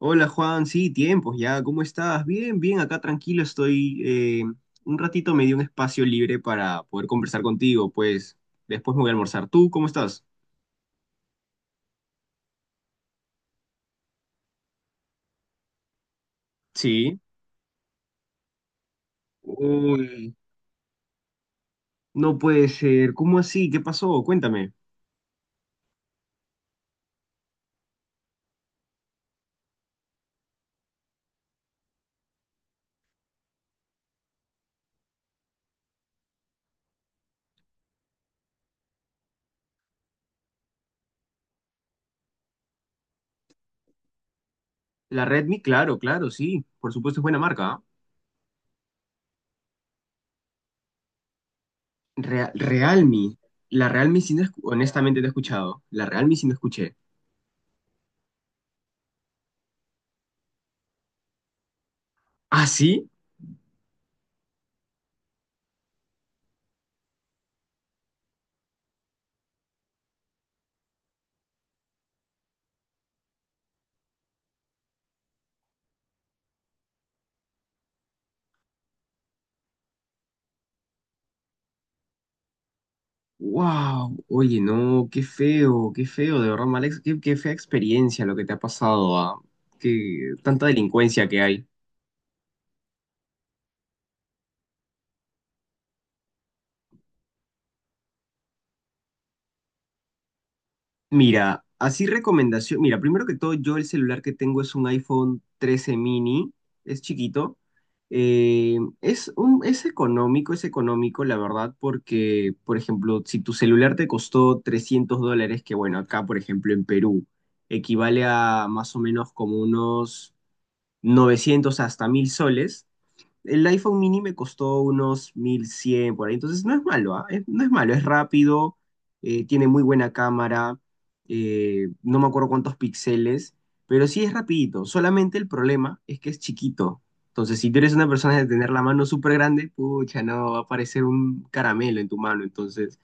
Hola Juan, sí, tiempos ya, ¿cómo estás? Bien, bien, acá tranquilo estoy. Un ratito me dio un espacio libre para poder conversar contigo, pues después me voy a almorzar. ¿Tú cómo estás? Sí. Uy, no puede ser, ¿cómo así? ¿Qué pasó? Cuéntame. La Redmi, claro, claro, sí, por supuesto es buena marca. ¿Ah? Realme, la Realme sí no, honestamente no he escuchado, la Realme sí no escuché. ¿Ah, sí? Wow, oye, no, qué feo, de verdad, Alex, qué fea experiencia lo que te ha pasado, ah. Qué tanta delincuencia que hay. Mira, así recomendación, mira, primero que todo, yo el celular que tengo es un iPhone 13 mini, es chiquito, es económico, la verdad, porque, por ejemplo, si tu celular te costó $300, que bueno, acá, por ejemplo, en Perú, equivale a más o menos como unos 900 hasta 1,000 soles. El iPhone mini me costó unos 1,100, por ahí, entonces no es malo, ¿ah? No es malo, es rápido, tiene muy buena cámara, no me acuerdo cuántos píxeles, pero sí es rapidito. Solamente el problema es que es chiquito. Entonces, si tú eres una persona de tener la mano súper grande, pucha, no, va a parecer un caramelo en tu mano, entonces,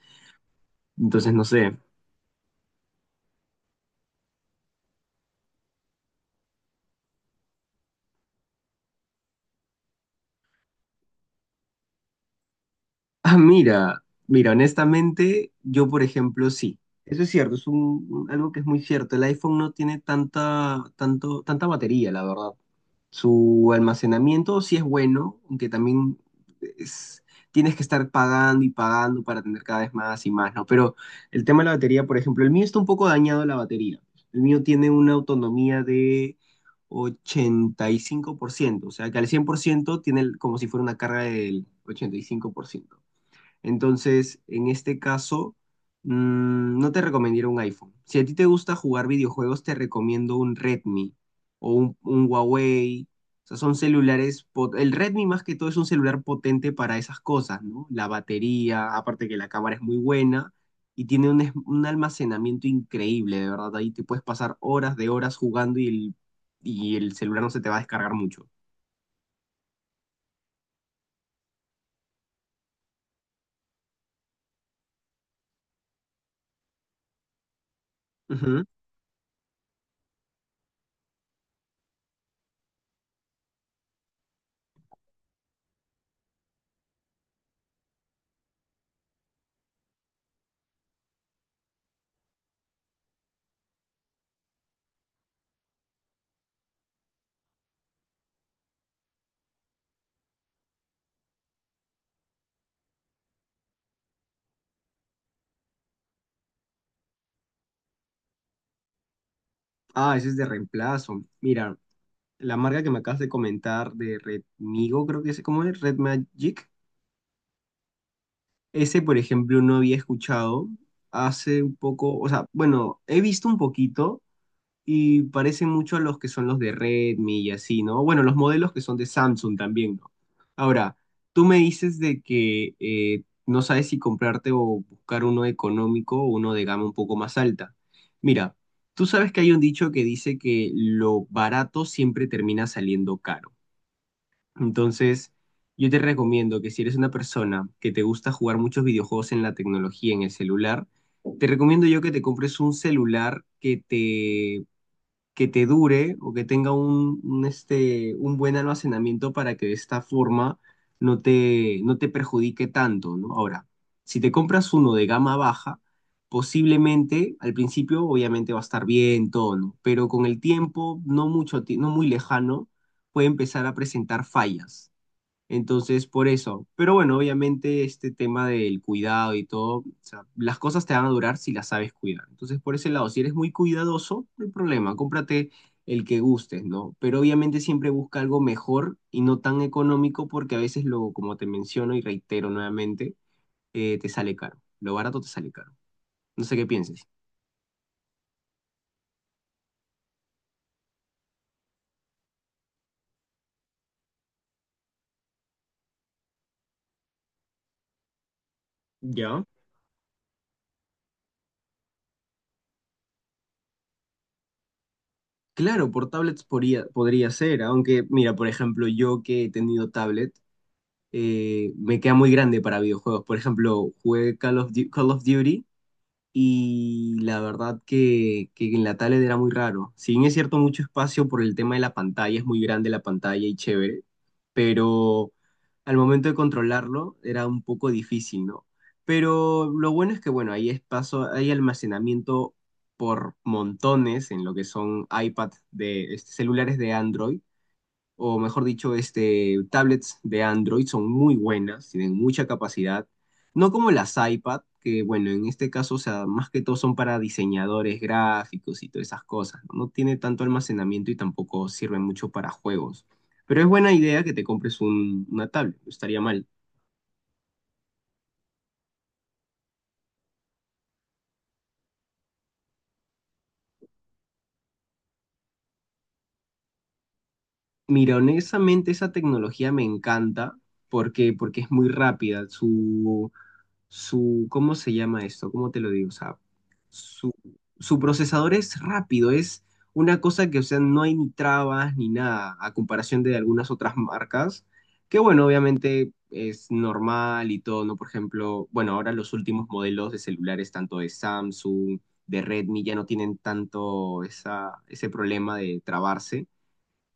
entonces no sé. Ah, mira, mira, honestamente, yo por ejemplo, sí, eso es cierto, algo que es muy cierto. El iPhone no tiene tanta batería, la verdad. Su almacenamiento sí es bueno, aunque también es- tienes que estar pagando y pagando para tener cada vez más y más, ¿no? Pero el tema de la batería, por ejemplo, el mío está un poco dañado la batería. El mío tiene una autonomía de 85%, o sea que al 100% como si fuera una carga del 85%. Entonces, en este caso, no te recomendaría un iPhone. Si a ti te gusta jugar videojuegos, te recomiendo un Redmi o un Huawei. O sea, son celulares. El Redmi más que todo es un celular potente para esas cosas, ¿no? La batería, aparte que la cámara es muy buena y tiene un almacenamiento increíble, de verdad. Ahí te puedes pasar horas de horas jugando y el celular no se te va a descargar mucho. Ujú. Ah, ese es de reemplazo. Mira, la marca que me acabas de comentar de Redmigo, creo que es, ¿cómo es? Red Magic. Ese, por ejemplo, no había escuchado hace un poco, o sea, bueno, he visto un poquito y parece mucho a los que son los de Redmi y así, ¿no? Bueno, los modelos que son de Samsung también, ¿no? Ahora, tú me dices de que no sabes si comprarte o buscar uno económico o uno de gama un poco más alta. Mira, tú sabes que hay un dicho que dice que lo barato siempre termina saliendo caro. Entonces, yo te recomiendo que si eres una persona que te gusta jugar muchos videojuegos en la tecnología, en el celular, te recomiendo yo que te compres un celular que te dure o que tenga un buen almacenamiento para que de esta forma no te perjudique tanto, ¿no? Ahora, si te compras uno de gama baja, posiblemente al principio obviamente va a estar bien todo, ¿no? Pero con el tiempo, no mucho, no muy lejano, puede empezar a presentar fallas. Entonces, por eso. Pero bueno, obviamente este tema del cuidado y todo, o sea, las cosas te van a durar si las sabes cuidar. Entonces, por ese lado, si eres muy cuidadoso, no hay problema, cómprate el que gustes, ¿no? Pero obviamente siempre busca algo mejor y no tan económico porque a veces luego, como te menciono y reitero nuevamente, te sale caro. Lo barato te sale caro. No sé qué pienses. Ya. Claro, por tablets podría ser, aunque mira, por ejemplo, yo que he tenido tablet, me queda muy grande para videojuegos. Por ejemplo, jugué Call of Duty y la verdad que en la tablet era muy raro. Si bien es cierto, mucho espacio por el tema de la pantalla, es muy grande la pantalla y chévere, pero al momento de controlarlo era un poco difícil, ¿no? Pero lo bueno es que, bueno, hay espacio, hay almacenamiento por montones en lo que son iPad de este, celulares de Android o mejor dicho, este, tablets de Android son muy buenas, tienen mucha capacidad, no como las iPad, que bueno, en este caso, o sea, más que todo son para diseñadores gráficos y todas esas cosas, no. No tiene tanto almacenamiento y tampoco sirve mucho para juegos. Pero es buena idea que te compres una tablet, no estaría mal. Mira, honestamente esa tecnología me encanta porque, porque es muy rápida. ¿Cómo se llama esto? ¿Cómo te lo digo? O sea, su, su procesador es rápido, es una cosa que, o sea, no hay ni trabas ni nada, a comparación de algunas otras marcas, que bueno, obviamente es normal y todo, ¿no? Por ejemplo, bueno, ahora los últimos modelos de celulares, tanto de Samsung, de Redmi, ya no tienen tanto ese problema de trabarse,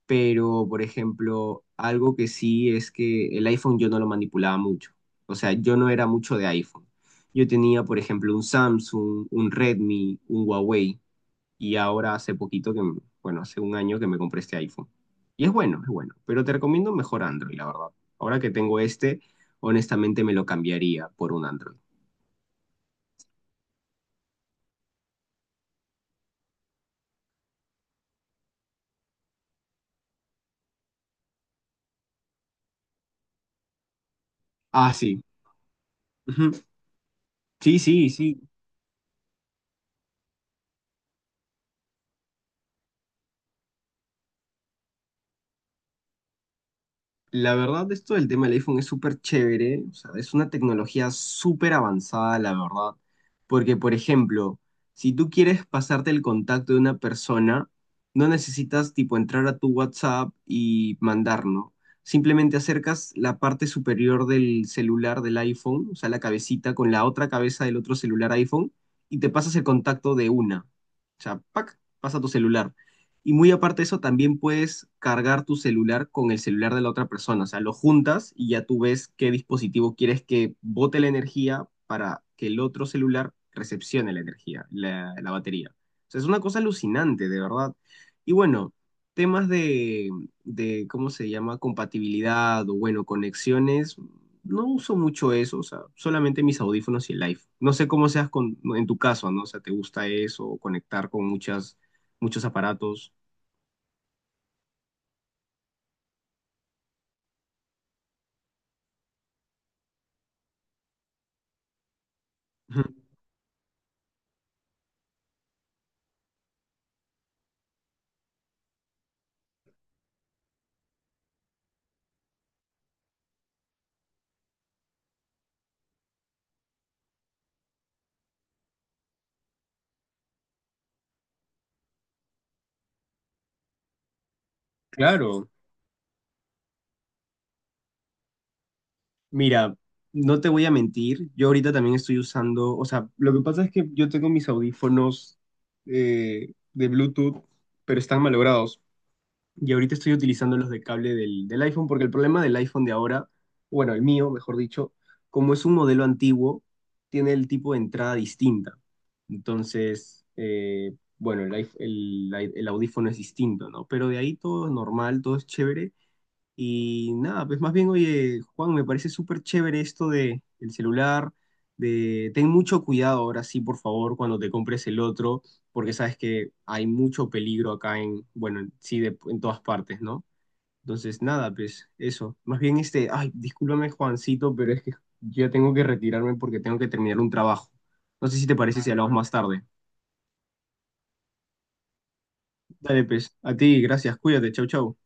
pero por ejemplo, algo que sí es que el iPhone yo no lo manipulaba mucho. O sea, yo no era mucho de iPhone. Yo tenía, por ejemplo, un Samsung, un Redmi, un Huawei y ahora hace poquito que, bueno, hace un año que me compré este iPhone. Y es bueno, pero te recomiendo mejor Android, la verdad. Ahora que tengo este, honestamente me lo cambiaría por un Android. Ah, sí. Ujú. Sí, sí, sí. La verdad, esto del tema del iPhone es súper chévere, o sea, es una tecnología súper avanzada, la verdad, porque, por ejemplo, si tú quieres pasarte el contacto de una persona, no necesitas, tipo, entrar a tu WhatsApp y mandar, ¿no? Simplemente acercas la parte superior del celular del iPhone, o sea, la cabecita con la otra cabeza del otro celular iPhone, y te pasas el contacto de una. O sea, ¡pac! Pasa tu celular. Y muy aparte de eso, también puedes cargar tu celular con el celular de la otra persona. O sea, lo juntas y ya tú ves qué dispositivo quieres que bote la energía para que el otro celular recepcione la energía, la batería. O sea, es una cosa alucinante, de verdad. Y bueno, temas de, ¿cómo se llama? Compatibilidad o, bueno, conexiones. No uso mucho eso, o sea, solamente mis audífonos y el live. No sé cómo seas en tu caso, ¿no? O sea, ¿te gusta eso, conectar con muchos aparatos? Ujú. Claro, mira, no te voy a mentir, yo ahorita también estoy usando, o sea, lo que pasa es que yo tengo mis audífonos de Bluetooth, pero están malogrados. Y ahorita estoy utilizando los de cable del iPhone, porque el problema del iPhone de ahora, bueno, el mío, mejor dicho, como es un modelo antiguo, tiene el tipo de entrada distinta. Entonces, bueno, el, iPh- el audífono es distinto, ¿no? Pero de ahí todo es normal, todo es chévere. Y nada, pues más bien, oye, Juan, me parece súper chévere esto de el celular, de ten mucho cuidado ahora sí, por favor, cuando te compres el otro, porque sabes que hay mucho peligro acá bueno, sí, en todas partes, ¿no? Entonces, nada, pues eso. Más bien este, ay, discúlpame, Juancito, pero es que ya tengo que retirarme porque tengo que terminar un trabajo. No sé si te parece si hablamos más tarde. Dale, pues, a ti, gracias, cuídate, chau, chau.